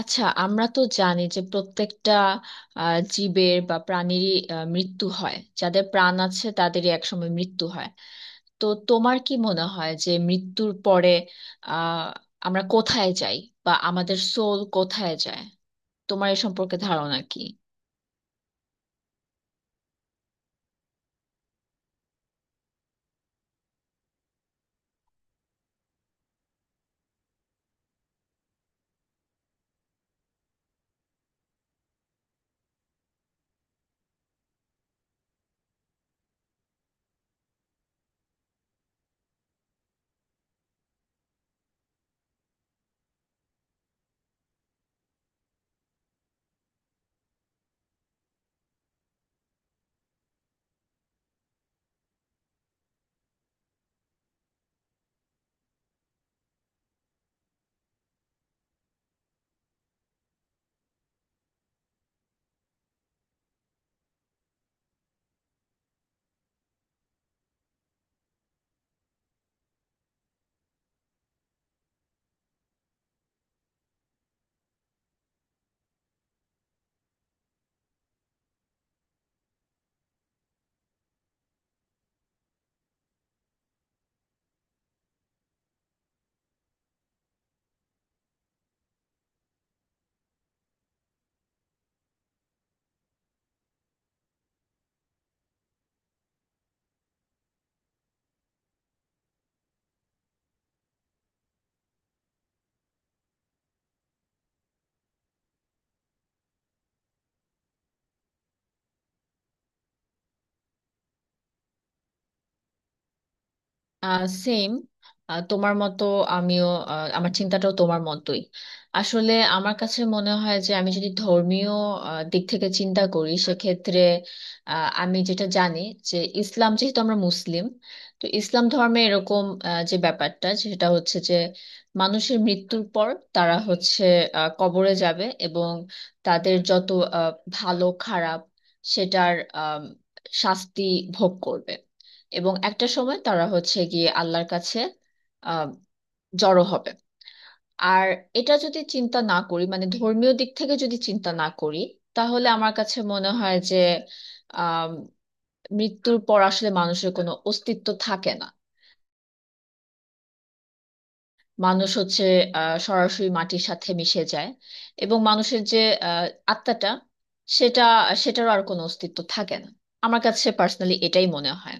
আচ্ছা, আমরা তো জানি যে প্রত্যেকটা জীবের বা প্রাণীরই মৃত্যু হয়, যাদের প্রাণ আছে তাদেরই একসময় মৃত্যু হয়। তো তোমার কি মনে হয় যে মৃত্যুর পরে আহ আমরা কোথায় যাই বা আমাদের সোল কোথায় যায়? তোমার এ সম্পর্কে ধারণা কি? সেম তোমার মতো, আমিও, আমার চিন্তাটাও তোমার মতোই। আসলে আমার কাছে মনে হয় যে আমি যদি ধর্মীয় দিক থেকে চিন্তা করি, সেক্ষেত্রে আমি যেটা জানি যে ইসলাম, যেহেতু আমরা মুসলিম, তো ইসলাম ধর্মে এরকম যে ব্যাপারটা সেটা হচ্ছে যে মানুষের মৃত্যুর পর তারা হচ্ছে কবরে যাবে এবং তাদের যত আহ, ভালো খারাপ সেটার শাস্তি ভোগ করবে। এবং একটা সময় তারা হচ্ছে গিয়ে আল্লাহর কাছে আহ জড়ো হবে। আর এটা যদি চিন্তা না করি, মানে ধর্মীয় দিক থেকে যদি চিন্তা না করি, তাহলে আমার কাছে মনে হয় যে আহ মৃত্যুর পর আসলে মানুষের কোনো অস্তিত্ব থাকে না। মানুষ হচ্ছে সরাসরি মাটির সাথে মিশে যায় এবং মানুষের যে আহ আত্মাটা, সেটা সেটারও আর কোনো অস্তিত্ব থাকে না। আমার কাছে পার্সোনালি এটাই মনে হয়।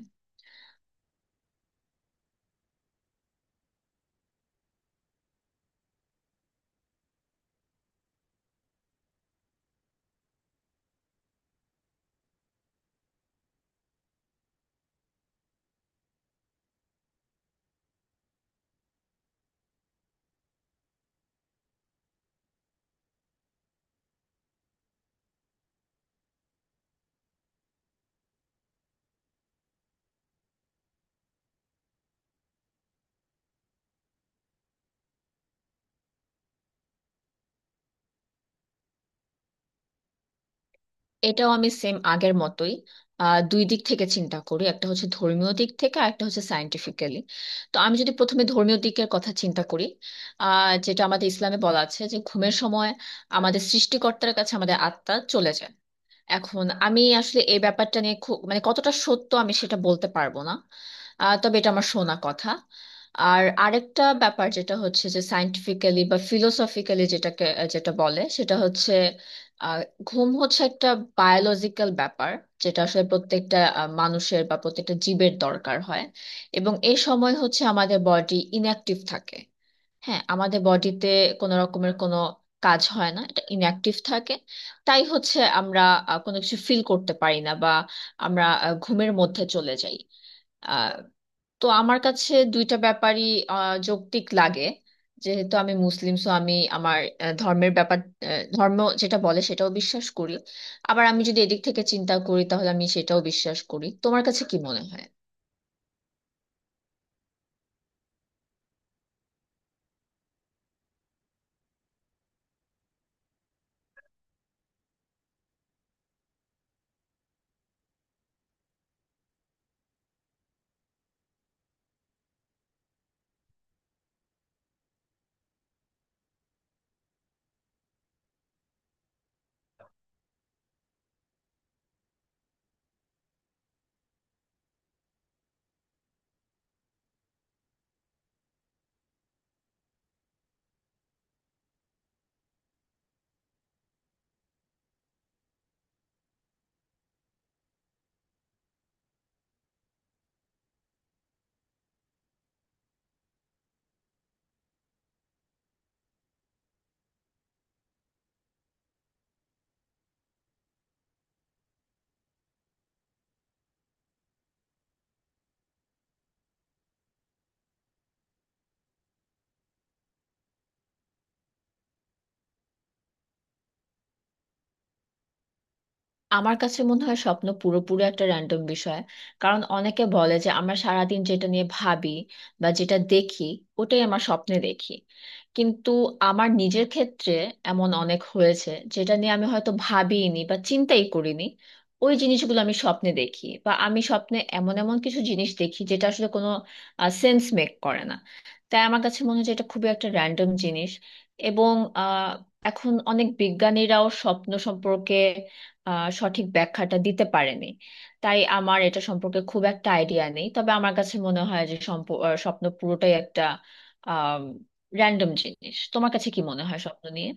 এটাও আমি সেম আগের মতোই, দুই দিক থেকে চিন্তা করি। একটা হচ্ছে ধর্মীয় দিক থেকে, আর একটা হচ্ছে সায়েন্টিফিক্যালি। তো আমি যদি প্রথমে ধর্মীয় দিকের কথা চিন্তা করি, যেটা আমাদের ইসলামে বলা আছে যে ঘুমের সময় আমাদের সৃষ্টিকর্তার কাছে আমাদের আত্মা চলে যায়। এখন আমি আসলে এই ব্যাপারটা নিয়ে খুব, মানে কতটা সত্য আমি সেটা বলতে পারবো না, তবে এটা আমার শোনা কথা। আর আরেকটা ব্যাপার যেটা হচ্ছে যে সায়েন্টিফিক্যালি বা ফিলোসফিক্যালি যেটা বলে সেটা হচ্ছে আহ, ঘুম হচ্ছে একটা বায়োলজিক্যাল ব্যাপার, যেটা আসলে প্রত্যেকটা মানুষের বা প্রত্যেকটা জীবের দরকার হয়। এবং এই সময় হচ্ছে আমাদের বডি ইনঅ্যাক্টিভ থাকে। হ্যাঁ, আমাদের বডিতে কোনো রকমের কোনো কাজ হয় না, এটা ইনঅ্যাক্টিভ থাকে। তাই হচ্ছে আমরা কোনো কিছু ফিল করতে পারি না বা আমরা ঘুমের মধ্যে চলে যাই। আহ, তো আমার কাছে দুইটা ব্যাপারই যৌক্তিক লাগে। যেহেতু আমি মুসলিম, সো আমি আমার ধর্মের ব্যাপার, ধর্ম যেটা বলে সেটাও বিশ্বাস করি। আবার আমি যদি এদিক থেকে চিন্তা করি তাহলে আমি সেটাও বিশ্বাস করি। তোমার কাছে কি মনে হয়? আমার কাছে মনে হয় স্বপ্ন পুরোপুরি একটা র্যান্ডম বিষয়। কারণ অনেকে বলে যে আমরা সারাদিন যেটা নিয়ে ভাবি বা যেটা দেখি, ওটাই আমার স্বপ্নে দেখি। কিন্তু আমার নিজের ক্ষেত্রে এমন অনেক হয়েছে যেটা নিয়ে আমি হয়তো ভাবিনি বা চিন্তাই করিনি, ওই জিনিসগুলো আমি স্বপ্নে দেখি। বা আমি স্বপ্নে এমন এমন কিছু জিনিস দেখি যেটা আসলে কোনো সেন্স মেক করে না। তাই আমার কাছে মনে হয় যে এটা খুবই একটা র্যান্ডম জিনিস। এবং আহ, এখন অনেক বিজ্ঞানীরাও স্বপ্ন সম্পর্কে সঠিক ব্যাখ্যাটা দিতে পারেনি। তাই আমার এটা সম্পর্কে খুব একটা আইডিয়া নেই, তবে আমার কাছে মনে হয় যে স্বপ্ন পুরোটাই একটা র্যান্ডম জিনিস। তোমার কাছে কি মনে হয় স্বপ্ন নিয়ে?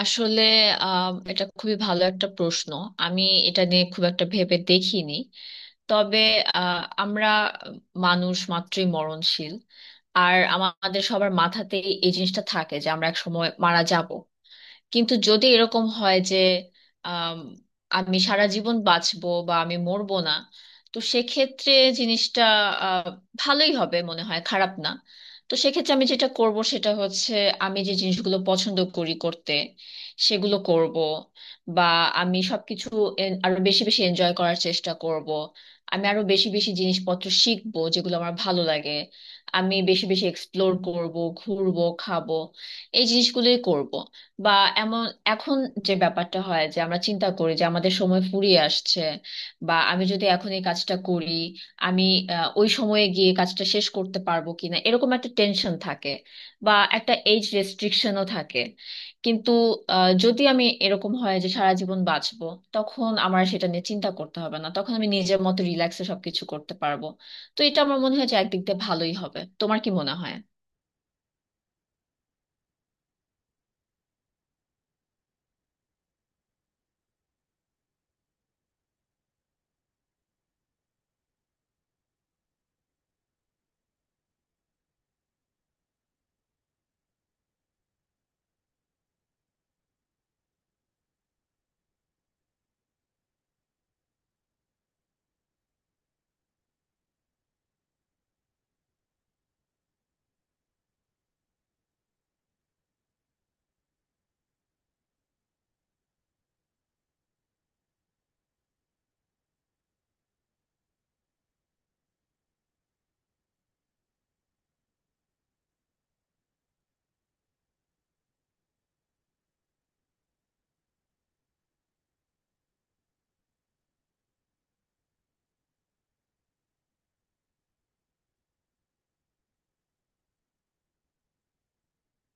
আসলে এটা খুবই ভালো একটা প্রশ্ন। আমি এটা নিয়ে খুব একটা ভেবে দেখিনি। তবে আমরা মানুষ মাত্রই মরণশীল, আর আমাদের সবার মাথাতেই এই জিনিসটা থাকে যে আমরা এক সময় মারা যাব। কিন্তু যদি এরকম হয় যে আম, আমি সারা জীবন বাঁচবো বা আমি মরবো না, তো সেক্ষেত্রে জিনিসটা আহ, ভালোই হবে মনে হয়, খারাপ না। তো সেক্ষেত্রে আমি যেটা করব সেটা হচ্ছে আমি যে জিনিসগুলো পছন্দ করি করতে, সেগুলো করব। বা আমি সবকিছু আরো বেশি বেশি এনজয় করার চেষ্টা করব। আমি আরো বেশি বেশি জিনিসপত্র শিখবো যেগুলো আমার ভালো লাগে। আমি বেশি বেশি এক্সপ্লোর করব, ঘুরবো, খাবো, এই জিনিসগুলোই করব। বা এমন, এখন যে ব্যাপারটা হয় যে আমরা চিন্তা করি যে আমাদের সময় ফুরিয়ে আসছে, বা আমি যদি এখন এই কাজটা করি, আমি ওই সময়ে গিয়ে কাজটা শেষ করতে পারবো কিনা, এরকম একটা টেনশন থাকে, বা একটা এজ রেস্ট্রিকশনও থাকে। কিন্তু যদি আমি এরকম হয় যে সারা জীবন বাঁচবো, তখন আমার সেটা নিয়ে চিন্তা করতে হবে না, তখন আমি নিজের মতো রিল্যাক্সে সবকিছু করতে পারবো। তো এটা আমার মনে হয় যে একদিক দিয়ে ভালোই হবে। তোমার কি মনে হয়?